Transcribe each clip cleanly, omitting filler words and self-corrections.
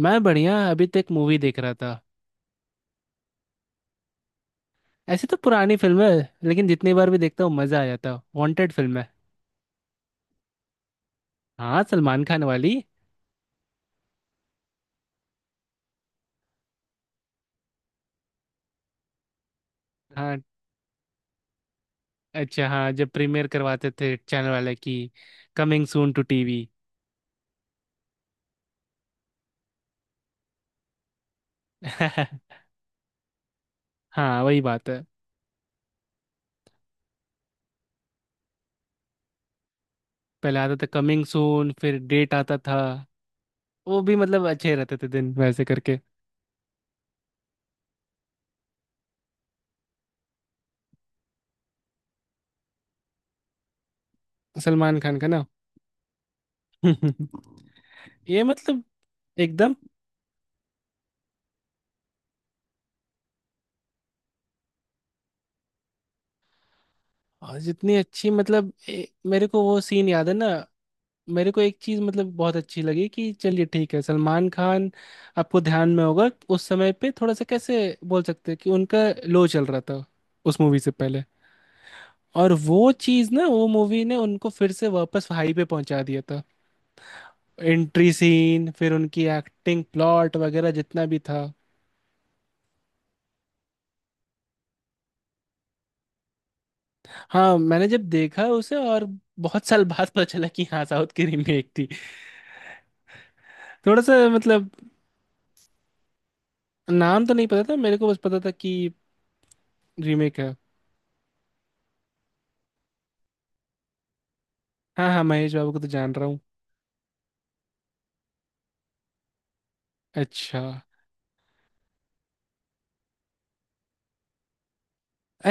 मैं बढ़िया, अभी तक मूवी देख रहा था। ऐसी तो पुरानी फिल्म है, लेकिन जितनी बार भी देखता हूँ मजा आ जाता है। वांटेड फिल्म है। हाँ, सलमान खान वाली। हाँ, अच्छा हाँ, जब प्रीमियर करवाते थे चैनल वाले की। Coming soon to TV. हाँ, वही बात है। पहले आता था कमिंग सून, फिर डेट आता था। वो भी मतलब अच्छे रहते थे दिन, वैसे करके। सलमान खान का ना। ये मतलब एकदम। और जितनी अच्छी मतलब मेरे को वो सीन याद है ना। मेरे को एक चीज मतलब बहुत अच्छी लगी कि चलिए ठीक है, सलमान खान, आपको ध्यान में होगा, उस समय पे थोड़ा सा कैसे बोल सकते हैं कि उनका लो चल रहा था उस मूवी से पहले। और वो चीज ना, वो मूवी ने उनको फिर से वापस हाई पे पहुंचा दिया था। एंट्री सीन, फिर उनकी एक्टिंग, प्लॉट वगैरह जितना भी था। हाँ, मैंने जब देखा उसे और बहुत साल बाद पता चला कि हाँ साउथ की रीमेक थी। थोड़ा सा मतलब नाम तो नहीं पता था मेरे को, बस पता था कि रीमेक है। हाँ हाँ, महेश बाबू को तो जान रहा हूँ। अच्छा,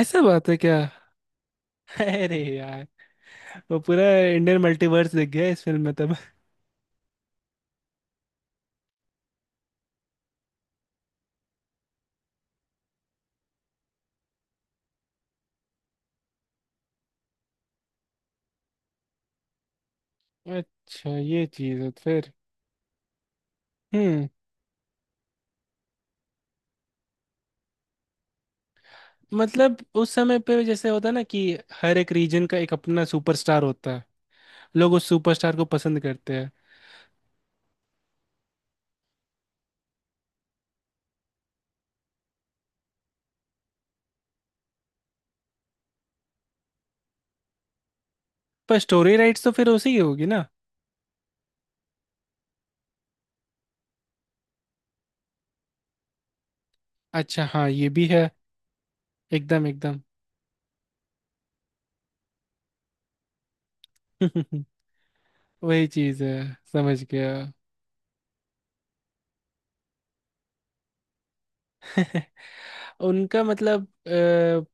ऐसा बात है क्या। अरे यार, वो पूरा इंडियन मल्टीवर्स दिख गया इस फिल्म में तब। अच्छा, ये चीज है फिर। हम्म, मतलब उस समय पे जैसे होता है ना कि हर एक रीजन का एक अपना सुपरस्टार होता है, लोग उस सुपरस्टार को पसंद करते हैं। पर स्टोरी राइट्स तो फिर उसी की होगी ना। अच्छा हाँ, ये भी है। एकदम एकदम। वही चीज है, समझ गया। उनका मतलब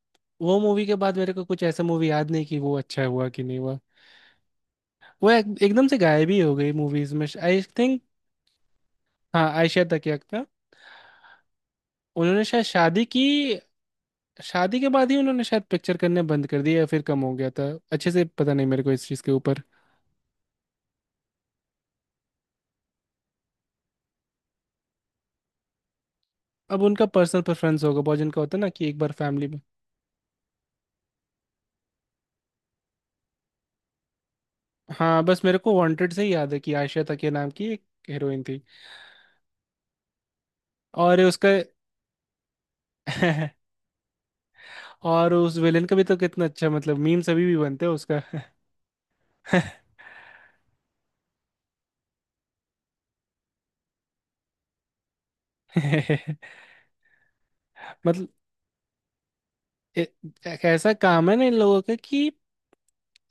वो मूवी के बाद मेरे को कुछ ऐसा मूवी याद नहीं कि वो अच्छा हुआ कि नहीं हुआ। वो एकदम से गायब ही हो गई मूवीज में, आई थिंक। हाँ, आयशा तकिया का। उन्होंने शायद शादी की। शादी के बाद ही उन्होंने शायद पिक्चर करने बंद कर दिया, या फिर कम हो गया था। अच्छे से पता नहीं मेरे को इस चीज़ के ऊपर। अब उनका पर्सनल प्रेफरेंस होगा, बहुत जिनका होता है ना कि एक बार फैमिली में। हाँ, बस मेरे को वांटेड से ही याद है कि आयशा तकिया नाम की एक हीरोइन थी। और उसका और उस विलेन का भी तो कितना अच्छा, मतलब मीम्स अभी भी बनते हैं उसका। मतलब ए- एक ऐसा काम है ना इन लोगों का कि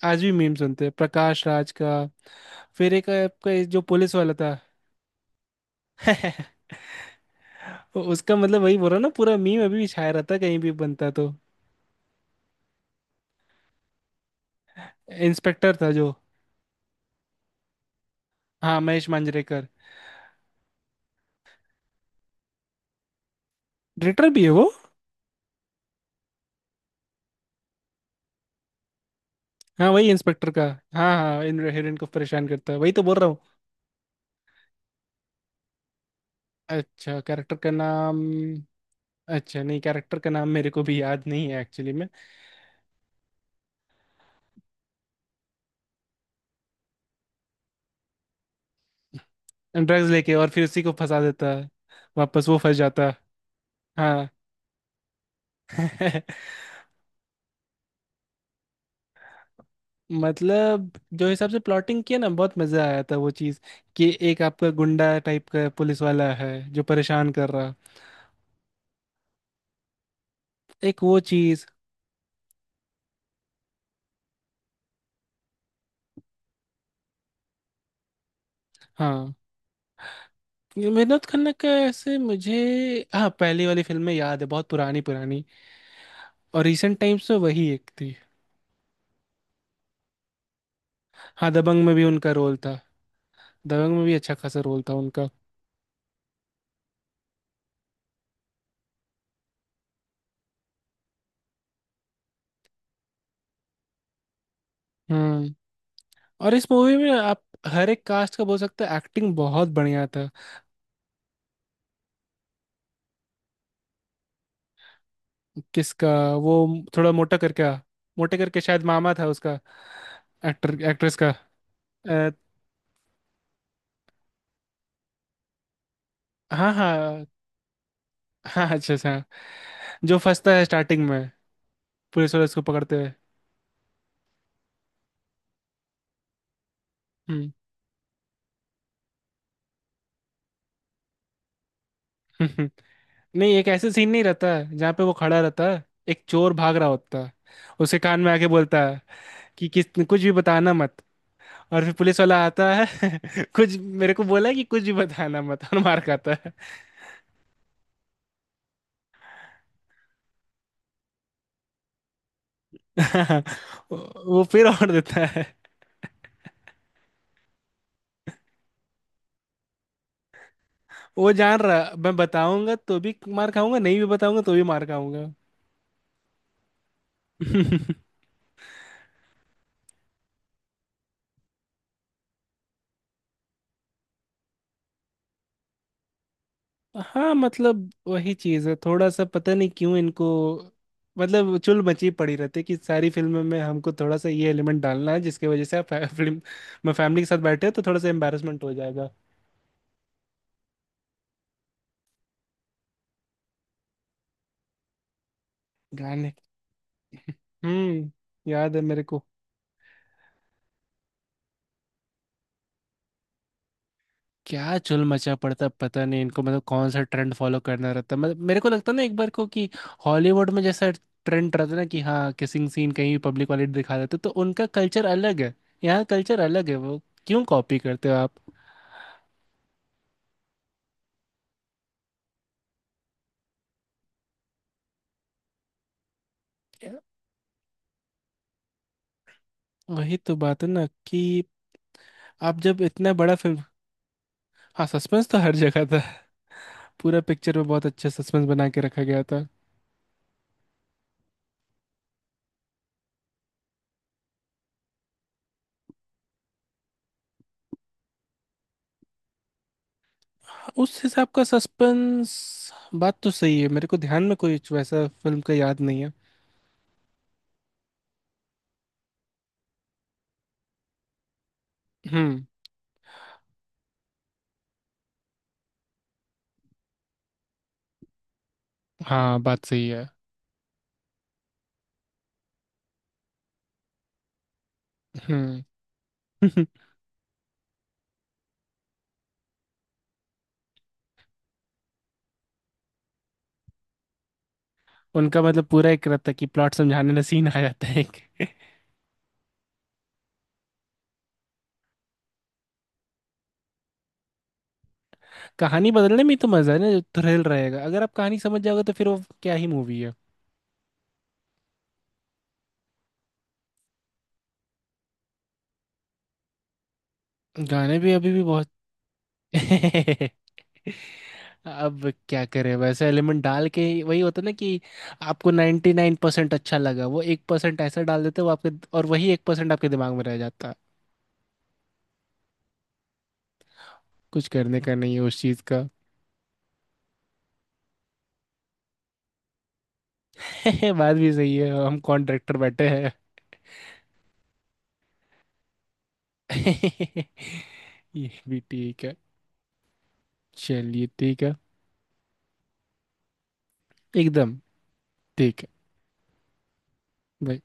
आज भी मीम सुनते हैं प्रकाश राज का। फिर एक आपका ये जो पुलिस वाला था। उसका मतलब वही बोल रहा हूं ना, पूरा मीम अभी भी छाया रहता है, कहीं भी बनता तो। इंस्पेक्टर था जो। हाँ, महेश मांजरेकर। डायरेक्टर भी है वो। हाँ, वही इंस्पेक्टर का। हाँ हाँ, इन हीरोइन को परेशान करता है, वही तो बोल रहा हूँ। अच्छा, कैरेक्टर का नाम। अच्छा, नहीं कैरेक्टर का नाम मेरे को भी याद नहीं है एक्चुअली में। ड्रग्स लेके और फिर उसी को फंसा देता है। वापस वो फंस जाता है। हाँ। मतलब जो हिसाब से प्लॉटिंग किया ना, बहुत मजा आया था वो चीज। कि एक आपका गुंडा टाइप का पुलिस वाला है जो परेशान कर रहा। एक वो चीज। हाँ, ये मेहनत खन्ना का ऐसे मुझे हाँ पहली वाली फिल्म में याद है, बहुत पुरानी पुरानी। और रिसेंट टाइम्स में वही एक थी। हाँ, दबंग में भी उनका रोल था। दबंग में भी अच्छा खासा रोल था उनका। हम्म। और इस मूवी में आप हर एक कास्ट का बोल सकते हैं, एक्टिंग बहुत बढ़िया था। किसका। वो। थोड़ा मोटा करके। मोटे करके शायद मामा था उसका। एक्टर एक्ट्रेस का अ, हाँ हाँ। हाँ, अच्छा सा, जो फंसता है स्टार्टिंग में, पुलिस वाले उसको पकड़ते हुए। हम्म। नहीं, एक ऐसे सीन नहीं रहता है जहाँ पे वो खड़ा रहता है, एक चोर भाग रहा होता है, उसके कान में आके बोलता है कि किस कुछ भी बताना मत। और फिर पुलिस वाला आता है। कुछ मेरे को बोला है कि कुछ भी बताना मत और मार खाता है। वो फिर और देता है। वो जान रहा मैं बताऊंगा तो भी मार खाऊंगा, नहीं भी बताऊंगा तो भी मार खाऊंगा। हाँ, मतलब वही चीज है। थोड़ा सा पता नहीं क्यों इनको, मतलब चुल मची पड़ी रहती है कि सारी फिल्म में हमको थोड़ा सा ये एलिमेंट डालना है, जिसकी वजह से आप फिल्म में फैमिली के साथ बैठे हो तो थोड़ा सा एम्बेरसमेंट हो जाएगा। गाने। हम्म, याद है मेरे को। क्या चुल मचा पड़ता, पता नहीं इनको, मतलब कौन सा ट्रेंड फॉलो करना रहता, मतलब मेरे को लगता ना एक बार को कि हॉलीवुड में जैसा ट्रेंड रहता ना कि हाँ किसिंग सीन कहीं पब्लिक वाले दिखा देते, तो उनका कल्चर अलग है, यहाँ कल्चर अलग है वो। क्यों कॉपी करते हो आप। वही तो बात है ना कि आप जब इतना बड़ा फिल्म। हाँ, सस्पेंस तो हर जगह था। पूरा पिक्चर में बहुत अच्छा सस्पेंस बना के रखा गया था। उस हिसाब का सस्पेंस। बात तो सही है, मेरे को ध्यान में कोई वैसा फिल्म का याद नहीं है। हम्म। हाँ, बात सही है। हम्म। उनका मतलब पूरा एक रहता है कि प्लॉट समझाने में सीन आ जाता है एक। कहानी बदलने में ही तो मजा है ना, जो थ्रिल रहेगा। अगर आप कहानी समझ जाओगे तो फिर वो क्या ही मूवी है। गाने भी अभी भी बहुत। अब क्या करें, वैसे एलिमेंट डाल के वही होता ना कि आपको 99% अच्छा लगा, वो 1% ऐसा डाल देते वो आपके, और वही 1% आपके दिमाग में रह जाता है। कुछ करने का नहीं है उस चीज का। बात भी सही है, हम कौन डायरेक्टर बैठे। ये भी ठीक है। चलिए ठीक है। एकदम। ठीक है। भाई।